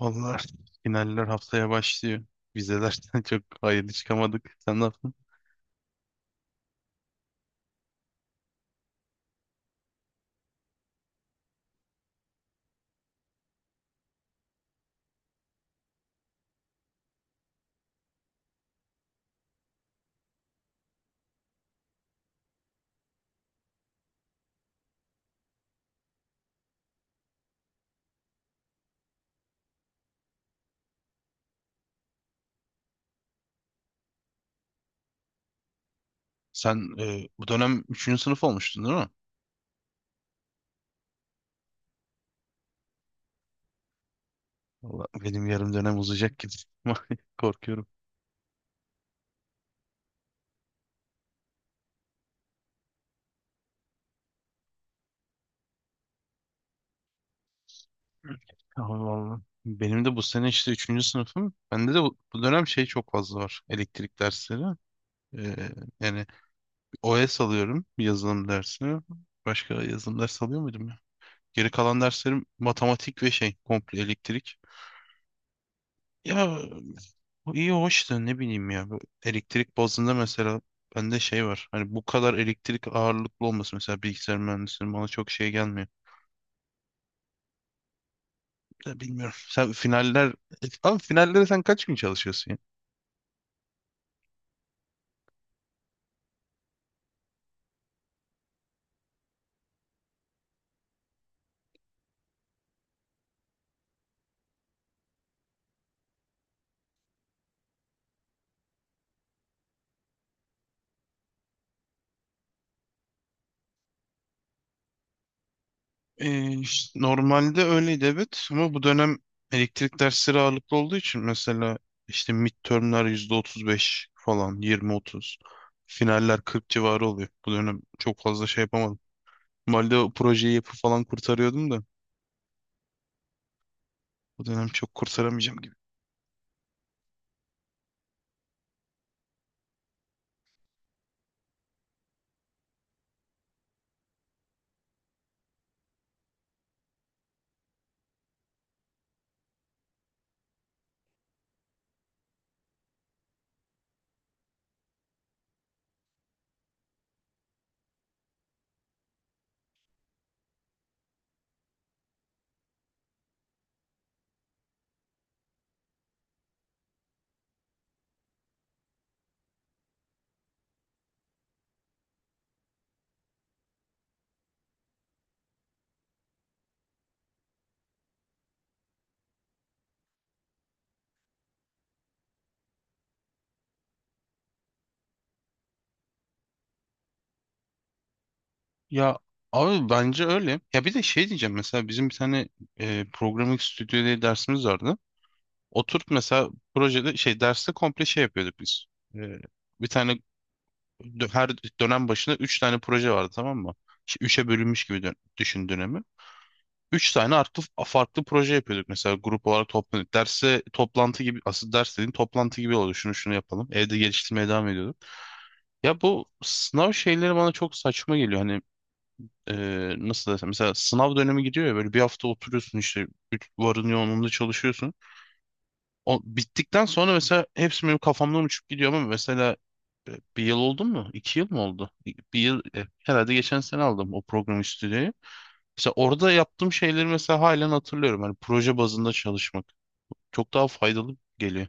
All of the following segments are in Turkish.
Vallahi finaller haftaya başlıyor. Vizelerden çok hayırlı çıkamadık. Sen ne yaptın? Sen bu dönem üçüncü sınıf olmuştun değil mi? Vallahi benim yarım dönem uzayacak gibi. Korkuyorum. Ama vallahi. Benim de bu sene işte üçüncü sınıfım. Bende de bu dönem şey çok fazla var. Elektrik dersleri. E, yani OS alıyorum yazılım dersi. Başka yazılım dersi alıyor muydum ya? Geri kalan derslerim matematik ve şey komple elektrik. Ya bu iyi hoş da ne bileyim ya. Bu elektrik bazında mesela bende şey var. Hani bu kadar elektrik ağırlıklı olması mesela bilgisayar mühendisliğinin bana çok şey gelmiyor. Ya bilmiyorum. Sen finaller... Abi finallere sen kaç gün çalışıyorsun ya? İşte normalde öyleydi evet ama bu dönem elektrik dersleri ağırlıklı olduğu için mesela işte midtermler %35 falan yirmi otuz, finaller 40 civarı oluyor. Bu dönem çok fazla şey yapamadım. Normalde o projeyi yapıp falan kurtarıyordum da. Bu dönem çok kurtaramayacağım gibi. Ya abi bence öyle. Ya bir de şey diyeceğim, mesela bizim bir tane programming stüdyo diye dersimiz vardı. Oturup mesela projede şey derste komple şey yapıyorduk biz. E, bir tane her dönem başına 3 tane proje vardı, tamam mı? İşte 3'e bölünmüş gibi düşün dönemi. 3 tane artı farklı proje yapıyorduk, mesela grup olarak toplanıyorduk. Derse toplantı gibi, asıl ders dediğin toplantı gibi oluyor. Şunu şunu yapalım. Evde geliştirmeye devam ediyorduk. Ya bu sınav şeyleri bana çok saçma geliyor, hani. e, nasıl desem, mesela sınav dönemi gidiyor ya, böyle bir hafta oturuyorsun işte varın yoğunluğunda çalışıyorsun. O bittikten sonra mesela hepsi benim kafamdan uçup gidiyor, ama mesela bir yıl oldu mu? İki yıl mı oldu? Bir yıl herhalde, geçen sene aldım o program stüdyoyu. Mesela orada yaptığım şeyleri mesela halen hatırlıyorum. Hani proje bazında çalışmak çok daha faydalı geliyor.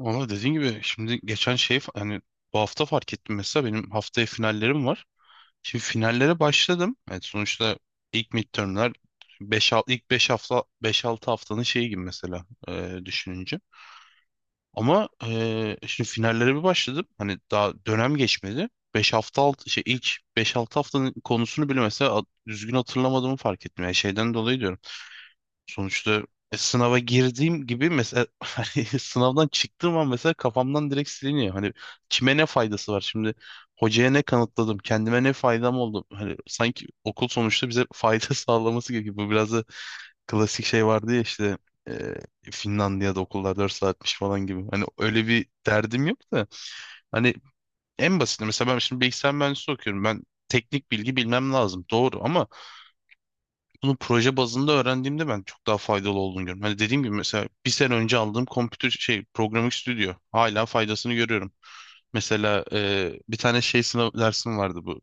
Ama dediğin gibi, şimdi geçen şey hani bu hafta fark ettim, mesela benim haftaya finallerim var. Şimdi finallere başladım. Evet, sonuçta ilk midtermler ilk 5 hafta, beş altı haftanın şeyi gibi mesela düşününce. Ama şimdi finallere bir başladım. Hani daha dönem geçmedi. 5 hafta alt şey ilk beş altı haftanın konusunu bile mesela düzgün hatırlamadığımı fark ettim. Yani şeyden dolayı diyorum. Sonuçta sınava girdiğim gibi mesela, hani sınavdan çıktığım an mesela kafamdan direkt siliniyor. Hani kime ne faydası var şimdi? Hocaya ne kanıtladım? Kendime ne faydam oldu? Hani sanki okul sonuçta bize fayda sağlaması gerekiyor. Bu biraz da, klasik şey vardı ya işte, Finlandiya'da okullar 4 saatmiş falan gibi. Hani öyle bir derdim yok da. Hani en basit, mesela ben şimdi bilgisayar mühendisliği okuyorum. Ben teknik bilgi bilmem lazım. Doğru, ama bunu proje bazında öğrendiğimde ben çok daha faydalı olduğunu görüyorum. Hani dediğim gibi, mesela bir sene önce aldığım kompütür şey Programming Studio hala faydasını görüyorum. Mesela bir tane şey sınav dersim vardı bu.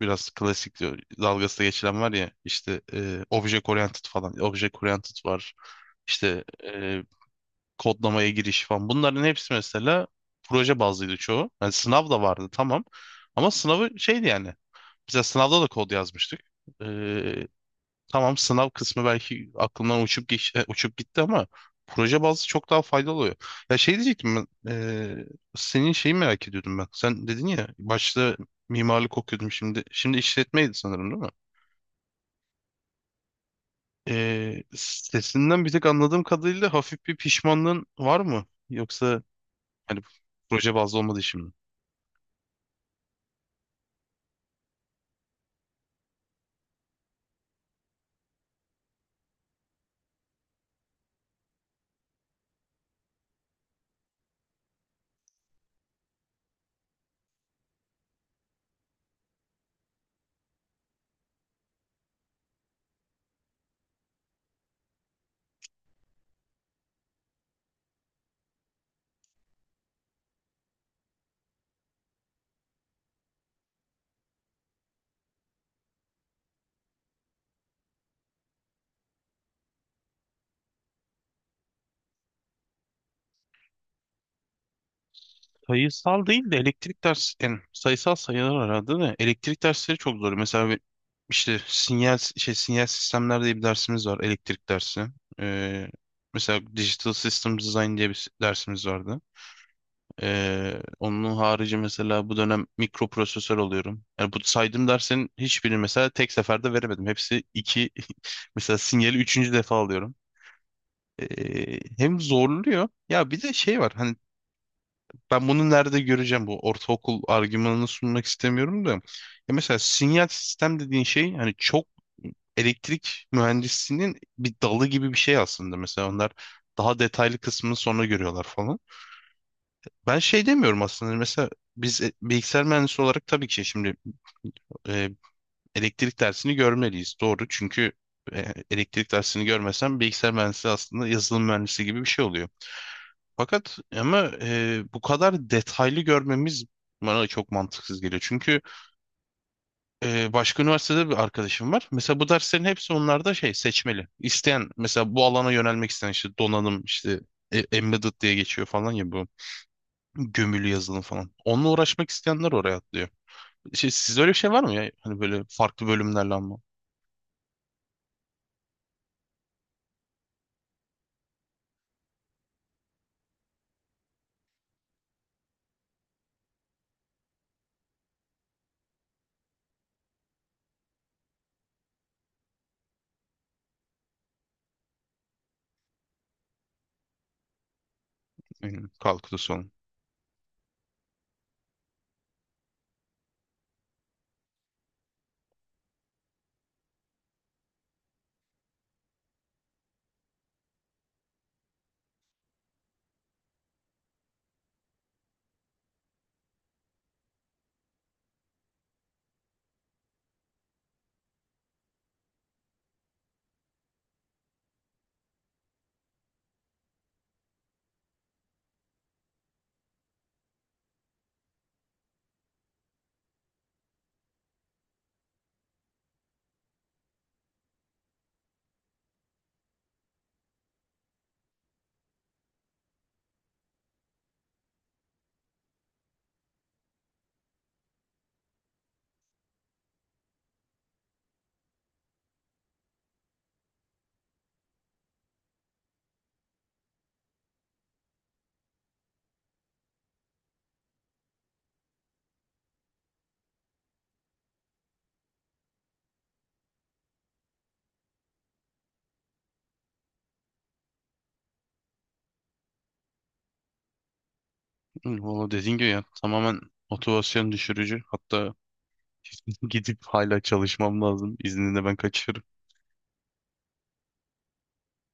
Biraz klasik diyor. Dalgası da geçilen var ya işte, Object Oriented falan. Object Oriented var. İşte kodlamaya giriş falan. Bunların hepsi mesela proje bazlıydı çoğu. Yani sınav da vardı, tamam. Ama sınavı şeydi yani. Mesela sınavda da kod yazmıştık. Tamam, sınav kısmı belki aklımdan uçup gitti, ama proje bazlı çok daha faydalı oluyor. Ya şey diyecektim ben, e, senin şeyi merak ediyordum ben. Sen dedin ya, başta mimarlık okuyordum, şimdi işletmeydi sanırım, değil mi? Sesinden bir tek anladığım kadarıyla, hafif bir pişmanlığın var mı? Yoksa hani proje bazlı olmadığı için. Sayısal değil de elektrik dersleri, yani sayısal sayılar aradı da, elektrik dersleri çok zor. Mesela işte sinyal şey sinyal sistemler diye bir dersimiz var, elektrik dersi. Ee, mesela Digital System Design diye bir dersimiz vardı. Onun harici mesela bu dönem mikroprosesör oluyorum. Yani bu saydığım derslerin hiçbirini mesela tek seferde veremedim. Hepsi iki, mesela sinyali üçüncü defa alıyorum. Hem zorluyor. Ya bir de şey var. Hani ben bunu nerede göreceğim, bu ortaokul argümanını sunmak istemiyorum da. Ya mesela sinyal sistem dediğin şey hani çok elektrik mühendisliğinin bir dalı gibi bir şey aslında. Mesela onlar daha detaylı kısmını sonra görüyorlar falan. Ben şey demiyorum aslında, hani mesela biz bilgisayar mühendisi olarak tabii ki şimdi e, elektrik dersini görmeliyiz. Doğru, çünkü elektrik dersini görmesem bilgisayar mühendisi aslında yazılım mühendisi gibi bir şey oluyor. Fakat ama bu kadar detaylı görmemiz bana da çok mantıksız geliyor. Çünkü başka üniversitede bir arkadaşım var. Mesela bu derslerin hepsi onlarda şey seçmeli. İsteyen mesela, bu alana yönelmek isteyen işte donanım, işte embedded diye geçiyor falan ya, bu gömülü yazılım falan. Onunla uğraşmak isteyenler oraya atlıyor. Şey, sizde öyle bir şey var mı ya? Hani böyle farklı bölümlerle, ama yani kalkıtı olan. Hı, valla dediğin gibi ya, tamamen motivasyon düşürücü. Hatta gidip hala çalışmam lazım. İzninde ben kaçıyorum.